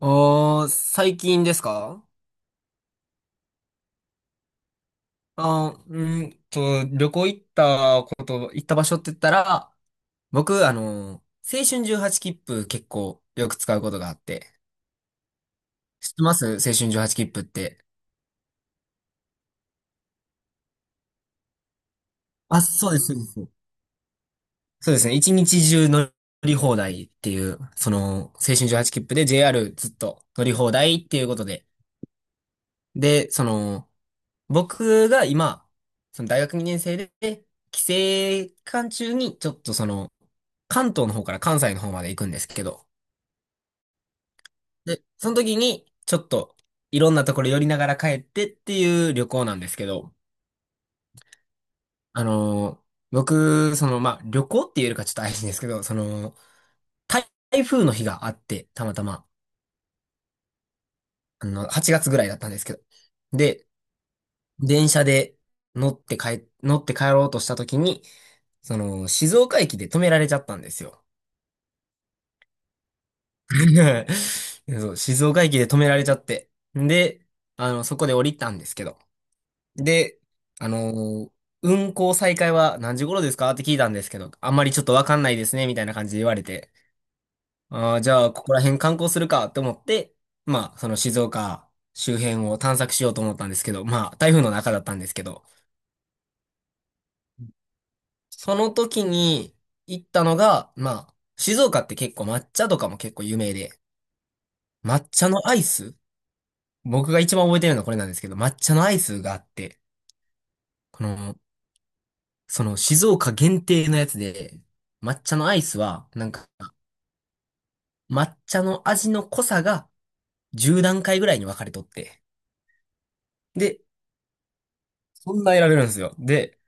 ああ、最近ですか？あー、うんと、旅行行ったこと、行った場所って言ったら、僕、青春18切符結構よく使うことがあって。知ってます青春18切符って？あ、そうです、そうです。そうですね。一日中乗り放題っていう、青春18切符で JR ずっと乗り放題っていうことで。で、僕が今、その大学2年生で、帰省期間中に、ちょっと関東の方から関西の方まで行くんですけど、で、その時に、ちょっと、いろんなところ寄りながら帰ってっていう旅行なんですけど、あのー僕、まあ、旅行って言えるかちょっと怪しいんですけど、台風の日があって、たまたま、8月ぐらいだったんですけど、で、電車で乗って帰ろうとした時に、静岡駅で止められちゃったんですよ。そう、静岡駅で止められちゃって。で、そこで降りたんですけど。で、あのー運行再開は何時頃ですかって聞いたんですけど、あんまりちょっとわかんないですね、みたいな感じで言われて。ああじゃあ、ここら辺観光するかと思って、まあ、その静岡周辺を探索しようと思ったんですけど、まあ、台風の中だったんですけど、その時に行ったのが、まあ、静岡って結構抹茶とかも結構有名で、抹茶のアイス、僕が一番覚えてるのはこれなんですけど、抹茶のアイスがあって、この、その静岡限定のやつで、抹茶のアイスは、なんか、抹茶の味の濃さが10段階ぐらいに分かれとって。で、そんな得られるんですよ。で、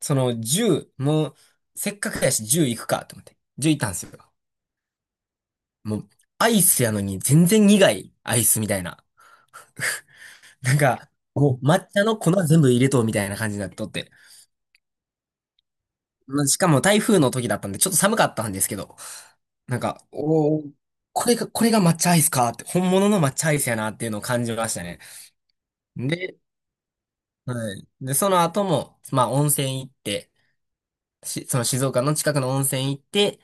その10、もう、せっかくやし10行くかと思って。10行ったんですよ。もう、アイスやのに全然苦いアイスみたいな。なんか、もう抹茶の粉全部入れとうみたいな感じになっとって。まあしかも台風の時だったんで、ちょっと寒かったんですけど、なんか、これが抹茶アイスかって、本物の抹茶アイスやなっていうのを感じましたね。で、はい。で、その後も、まあ、温泉行って、その静岡の近くの温泉行って、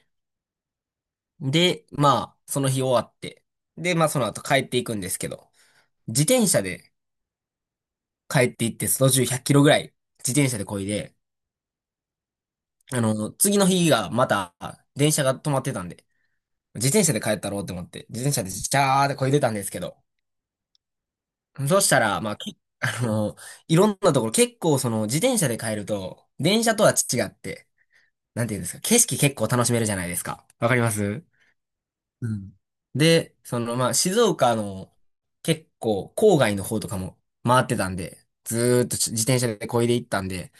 で、まあ、その日終わって、で、まあ、その後帰っていくんですけど、自転車で帰って行って、途中100キロぐらい自転車で漕いで、次の日がまた、電車が止まってたんで、自転車で帰ったろうって思って、自転車でジャーって漕いでたんですけど、そうしたら、まあ、いろんなところ、結構その自転車で帰ると、電車とは違って、なんていうんですか、景色結構楽しめるじゃないですか。わかります？うん。で、まあ、静岡の結構郊外の方とかも回ってたんで、ずーっと自転車で漕いで行ったんで、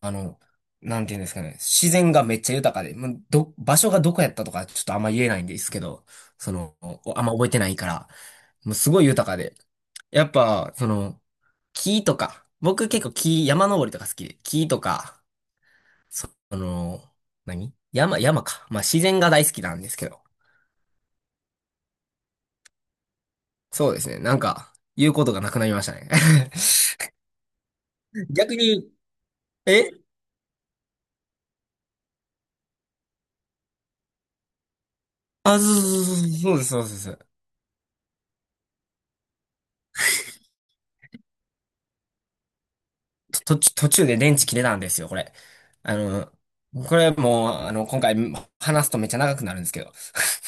あの、なんていうんですかね、自然がめっちゃ豊かで、まあ場所がどこやったとかちょっとあんま言えないんですけど、あんま覚えてないから、もうすごい豊かで、やっぱ、木とか、僕結構山登りとか好きで、木とか、その、山か。まあ自然が大好きなんですけど。そうですね。なんか、言うことがなくなりましたね。逆に、えあ、そうそうそうそうそうそうそうです。途中途中で電池切れたんですよ、これ。あの、これもう、今回話すとめっちゃ長くなるんですけど。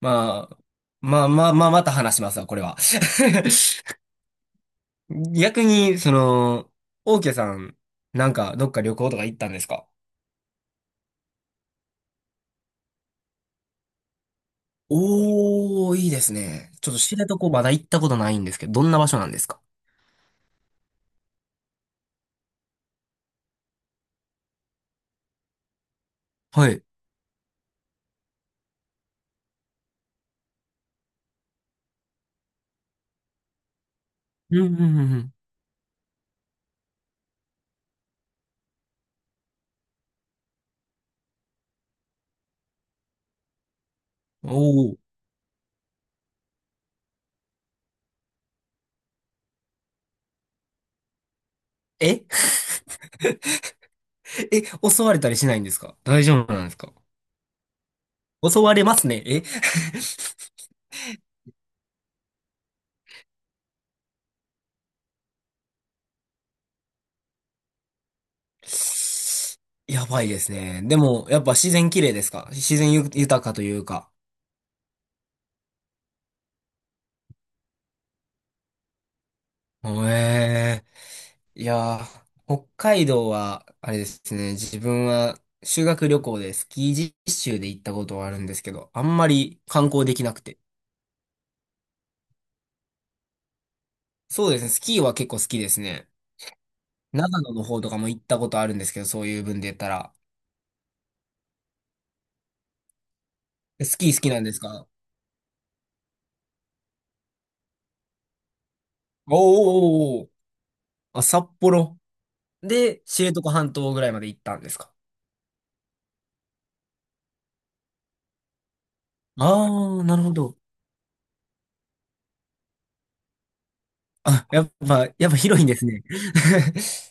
まあ、まあまあまあ、また話しますわ、これは。逆に、オーケーさん、なんか、どっか旅行とか行ったんですか？おー、いいですね。ちょっと知床まだ行ったことないんですけど、どんな場所なんですか？はい。うんうんうんうん。おお。え え、襲われたりしないんですか？大丈夫なんですか？襲われますね。え やばいですね。でも、やっぱ自然綺麗ですか？自然豊かというか。おえいやー、北海道は、あれですね、自分は修学旅行でスキー実習で行ったことはあるんですけど、あんまり観光できなくて。そうですね、スキーは結構好きですね。長野の方とかも行ったことあるんですけど、そういう分で言ったら。スキー好きなんですか？おーおーおーおー、あ、札幌。で、知床半島ぐらいまで行ったんですか？ああー、なるほど。あ、やっぱ広いんですね。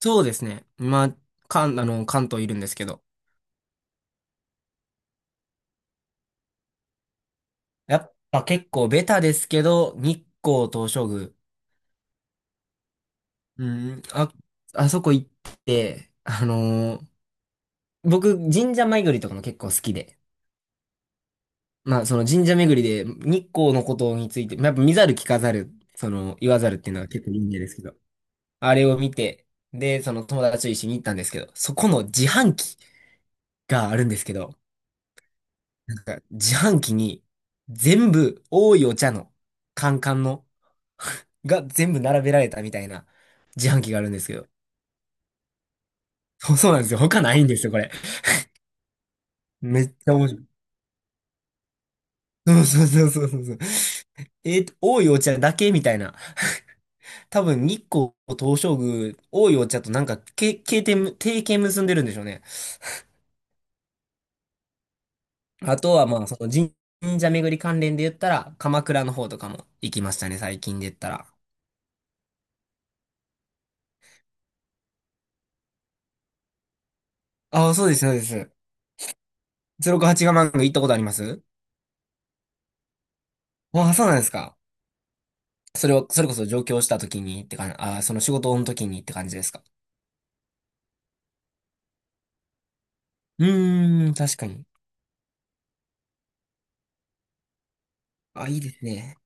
そうですね。まあ、関、あの、関東いるんですけど。やっぱ結構ベタですけど、日光東照宮。うん、あ、あそこ行って、僕、神社巡りとかも結構好きで。まあ、その神社巡りで日光のことについて、まあやっぱ見ざる聞かざる、その言わざるっていうのは結構有名ですけど、あれを見て、で、その友達と一緒に行ったんですけど、そこの自販機があるんですけど、なんか、自販機に全部多いお茶のカンカンの が全部並べられたみたいな自販機があるんですけど。そうそうなんですよ。他ないんですよ、これ。めっちゃ面白い。そうそうそうそうそう。多いお茶だけみたいな。多分、日光東照宮、多いお茶となんか、提携結んでるんでしょうね。あとは、まあ、その神社巡り関連で言ったら、鎌倉の方とかも行きましたね、最近で言ったら。ああ、そうです、そうです。068ガマンが行ったことあります？ああ、そうなんですか。それこそ上京した時にって感じ、ああ、その仕事の時にって感じですか？うーん、確かに。あ、いいですね。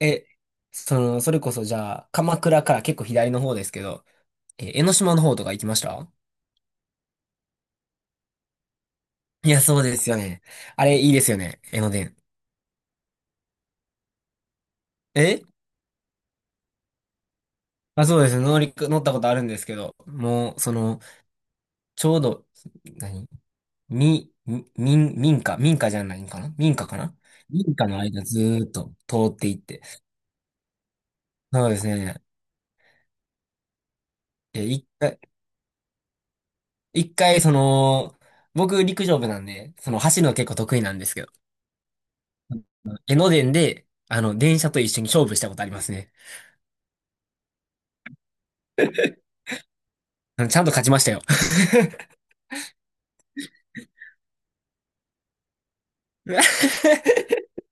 え、それこそじゃあ、鎌倉から結構左の方ですけど、え、江ノ島の方とか行きました？いや、そうですよね。あれ、いいですよね。江ノ電。えあ、そうです。乗ったことあるんですけど、もう、ちょうど、何み、み、民民家、民家じゃないんかな、民家かな？民家の間ずーっと通っていって。そうですね。いや、一回、僕陸上部なんで、その走るの結構得意なんですけど、江ノ電で、電車と一緒に勝負したことありますね。ちゃんと勝ちましたよ。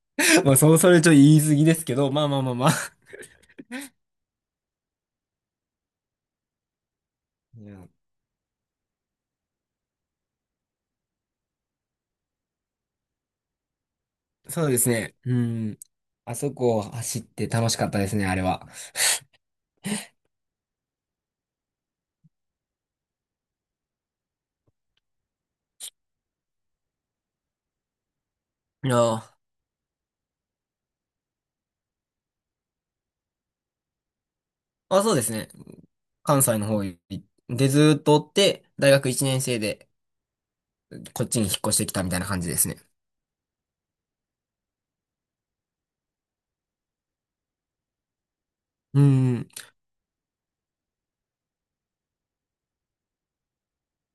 まあ、そう、それちょっと言い過ぎですけど、まあまあまあまあ。うん、そうですね。うん。あそこを走って楽しかったですね、あれは。いやー、あ、そうですね。関西の方にで、ずーっとおって、大学1年生でこっちに引っ越してきたみたいな感じですね。うん。